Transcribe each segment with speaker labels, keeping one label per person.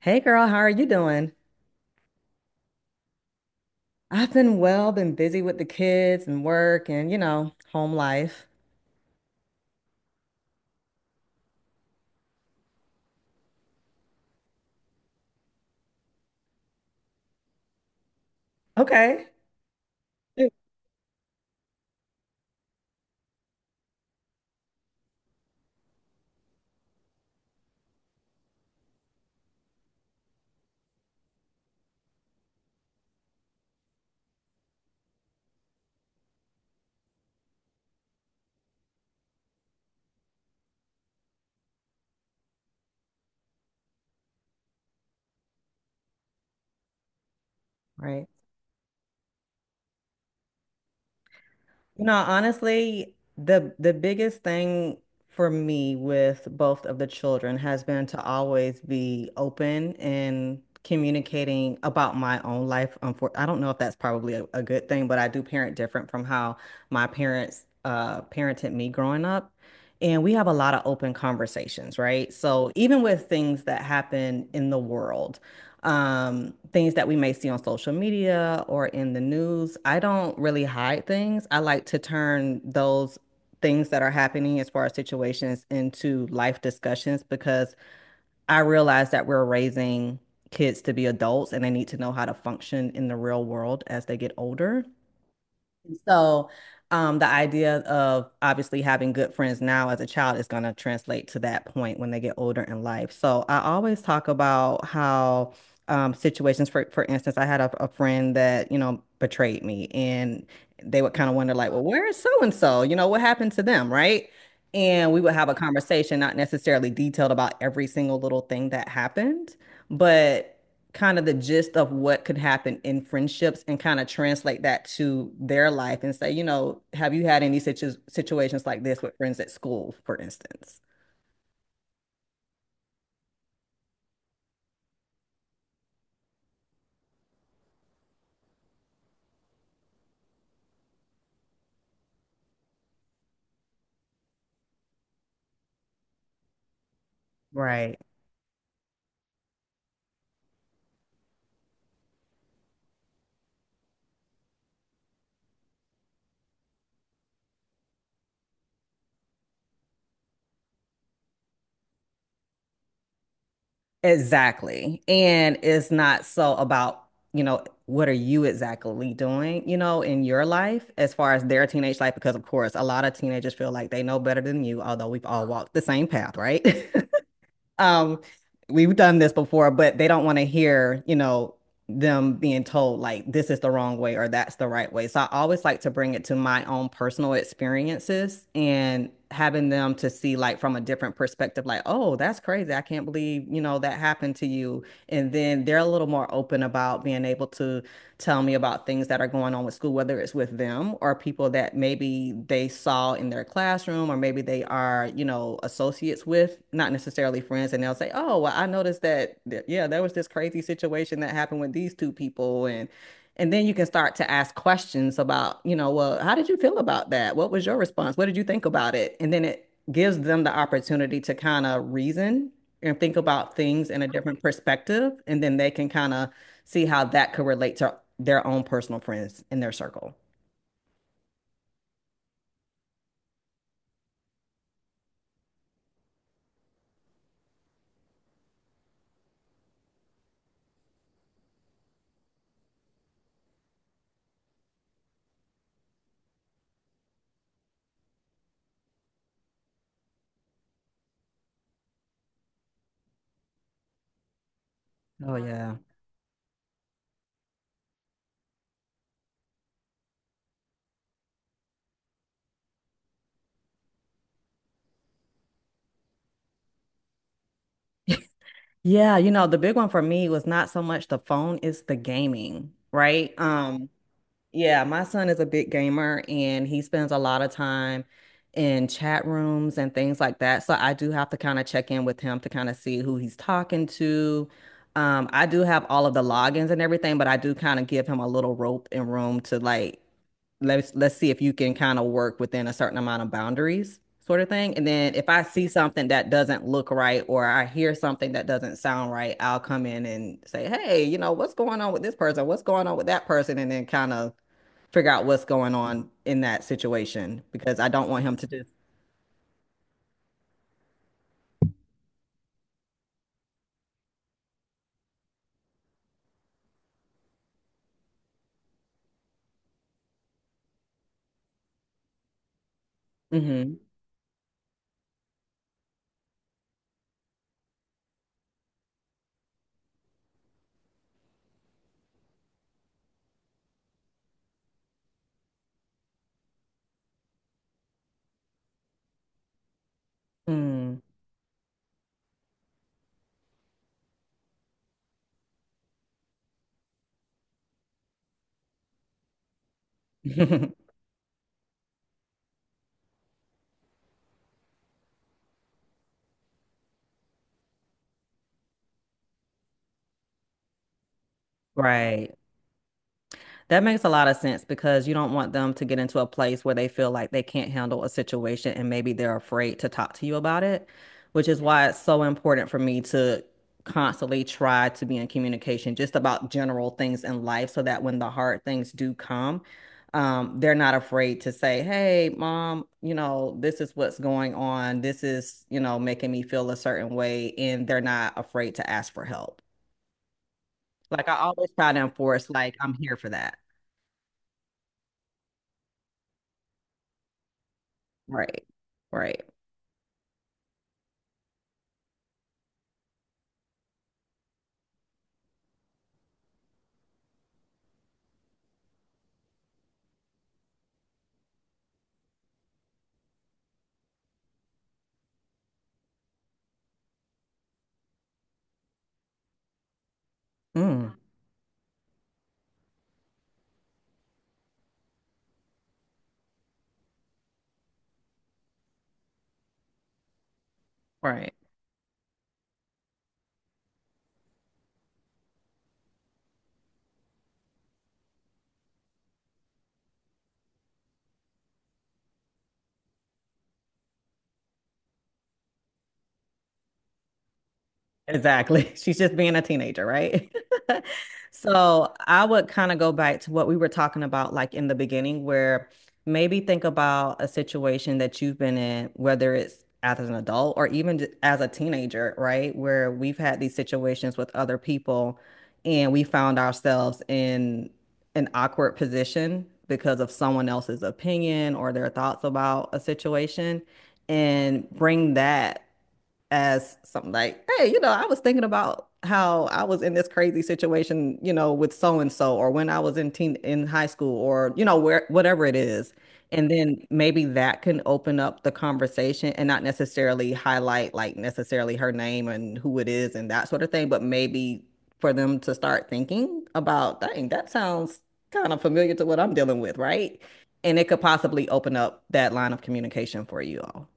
Speaker 1: Hey girl, how are you doing? I've been well, been busy with the kids and work and, you know, home life. Okay. Hey, right. You know, honestly, the biggest thing for me with both of the children has been to always be open and communicating about my own life. I don't know if that's probably a good thing, but I do parent different from how my parents parented me growing up. And we have a lot of open conversations, right? So even with things that happen in the world, things that we may see on social media or in the news. I don't really hide things. I like to turn those things that are happening as far as situations into life discussions because I realize that we're raising kids to be adults and they need to know how to function in the real world as they get older. So, the idea of obviously having good friends now as a child is going to translate to that point when they get older in life. So, I always talk about how situations, for instance, I had a friend that, you know, betrayed me, and they would kind of wonder, like, well, where is so and so? You know, what happened to them, right? And we would have a conversation, not necessarily detailed about every single little thing that happened, but kind of the gist of what could happen in friendships and kind of translate that to their life and say, you know, have you had any situations like this with friends at school, for instance? Right. Exactly. And it's not so about, you know, what are you exactly doing, you know, in your life as far as their teenage life? Because, of course, a lot of teenagers feel like they know better than you, although we've all walked the same path, right? Um, we've done this before, but they don't want to hear, you know, them being told like this is the wrong way or that's the right way. So I always like to bring it to my own personal experiences and having them to see like from a different perspective, like, oh, that's crazy. I can't believe, you know, that happened to you. And then they're a little more open about being able to tell me about things that are going on with school, whether it's with them or people that maybe they saw in their classroom or maybe they are, you know, associates with, not necessarily friends. And they'll say, oh, well, I noticed that, yeah, there was this crazy situation that happened with these two people. And then you can start to ask questions about, you know, well, how did you feel about that? What was your response? What did you think about it? And then it gives them the opportunity to kind of reason and think about things in a different perspective. And then they can kind of see how that could relate to their own personal friends in their circle. Oh, yeah. Yeah, you know, the big one for me was not so much the phone, it's the gaming, right? Yeah, my son is a big gamer and he spends a lot of time in chat rooms and things like that. So I do have to kind of check in with him to kind of see who he's talking to. I do have all of the logins and everything, but I do kind of give him a little rope and room to like let's see if you can kind of work within a certain amount of boundaries, sort of thing. And then if I see something that doesn't look right or I hear something that doesn't sound right, I'll come in and say, "Hey, you know, what's going on with this person? What's going on with that person?" And then kind of figure out what's going on in that situation because I don't want him to just. Hmm. Mm. Right. That makes a lot of sense because you don't want them to get into a place where they feel like they can't handle a situation and maybe they're afraid to talk to you about it, which is why it's so important for me to constantly try to be in communication just about general things in life so that when the hard things do come, they're not afraid to say, Hey, mom, you know, this is what's going on. This is, you know, making me feel a certain way. And they're not afraid to ask for help. Like I always try to enforce, like, I'm here for that. Right. Right. Mm, right. Exactly. She's just being a teenager, right? So I would kind of go back to what we were talking about, like in the beginning, where maybe think about a situation that you've been in, whether it's as an adult or even as a teenager, right? Where we've had these situations with other people and we found ourselves in an awkward position because of someone else's opinion or their thoughts about a situation and bring that as something like, hey, you know, I was thinking about how I was in this crazy situation, you know, with so and so, or when I was in teen in high school, or you know, where whatever it is. And then maybe that can open up the conversation and not necessarily highlight like necessarily her name and who it is and that sort of thing, but maybe for them to start thinking about, dang, that sounds kind of familiar to what I'm dealing with, right? And it could possibly open up that line of communication for you all.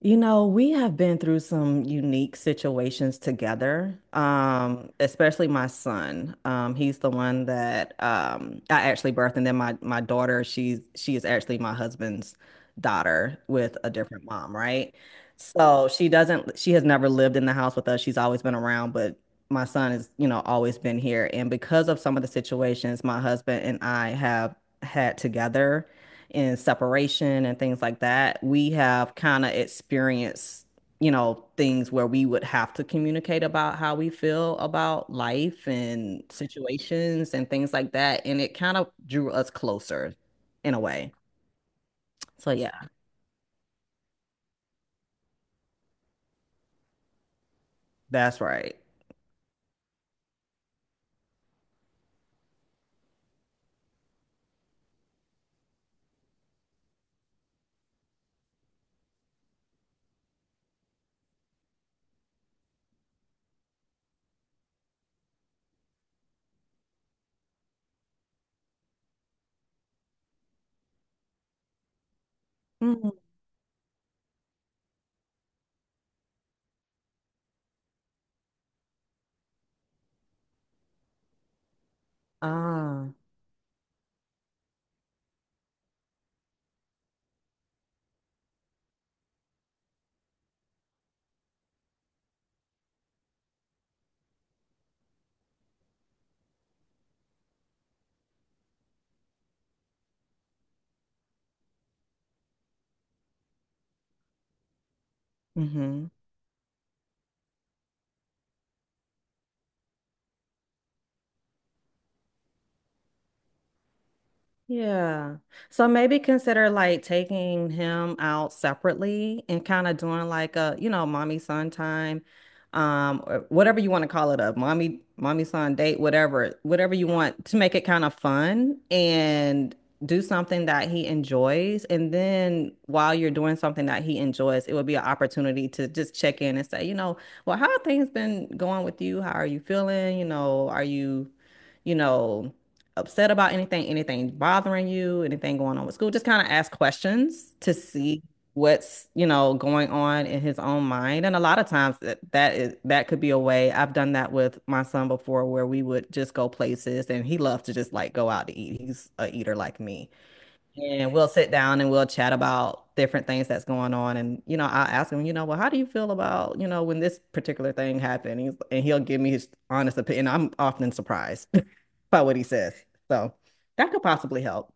Speaker 1: You know, we have been through some unique situations together, especially my son. He's the one that I actually birthed, and then my daughter, she is actually my husband's daughter with a different mom, right? So she doesn't, she has never lived in the house with us. She's always been around, but my son has, you know, always been here. And because of some of the situations my husband and I have had together and separation and things like that, we have kind of experienced, you know, things where we would have to communicate about how we feel about life and situations and things like that. And it kind of drew us closer in a way. So yeah, that's right. Mhm. Ah, mm-hmm. Yeah. So maybe consider like taking him out separately and kind of doing like a, you know, mommy son time, or whatever you want to call it a mommy, mommy son date, whatever, whatever you want to make it kind of fun and do something that he enjoys. And then while you're doing something that he enjoys, it would be an opportunity to just check in and say, you know, well, how have things been going with you? How are you feeling? You know, are you, you know, upset about anything, anything bothering you, anything going on with school. Just kind of ask questions to see what's, you know, going on in his own mind. And a lot of times that that is that could be a way. I've done that with my son before where we would just go places and he loves to just like go out to eat. He's a eater like me. And we'll sit down and we'll chat about different things that's going on. And, you know, I'll ask him, you know, well, how do you feel about, you know, when this particular thing happened? And he'll give me his honest opinion. I'm often surprised by what he says. So that could possibly help.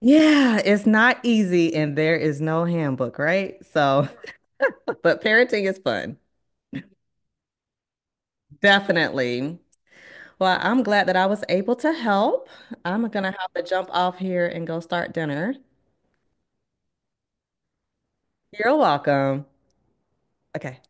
Speaker 1: Yeah, it's not easy and there is no handbook, right? So, but parenting is fun. Definitely. Well, I'm glad that I was able to help. I'm gonna have to jump off here and go start dinner. You're welcome. Okay.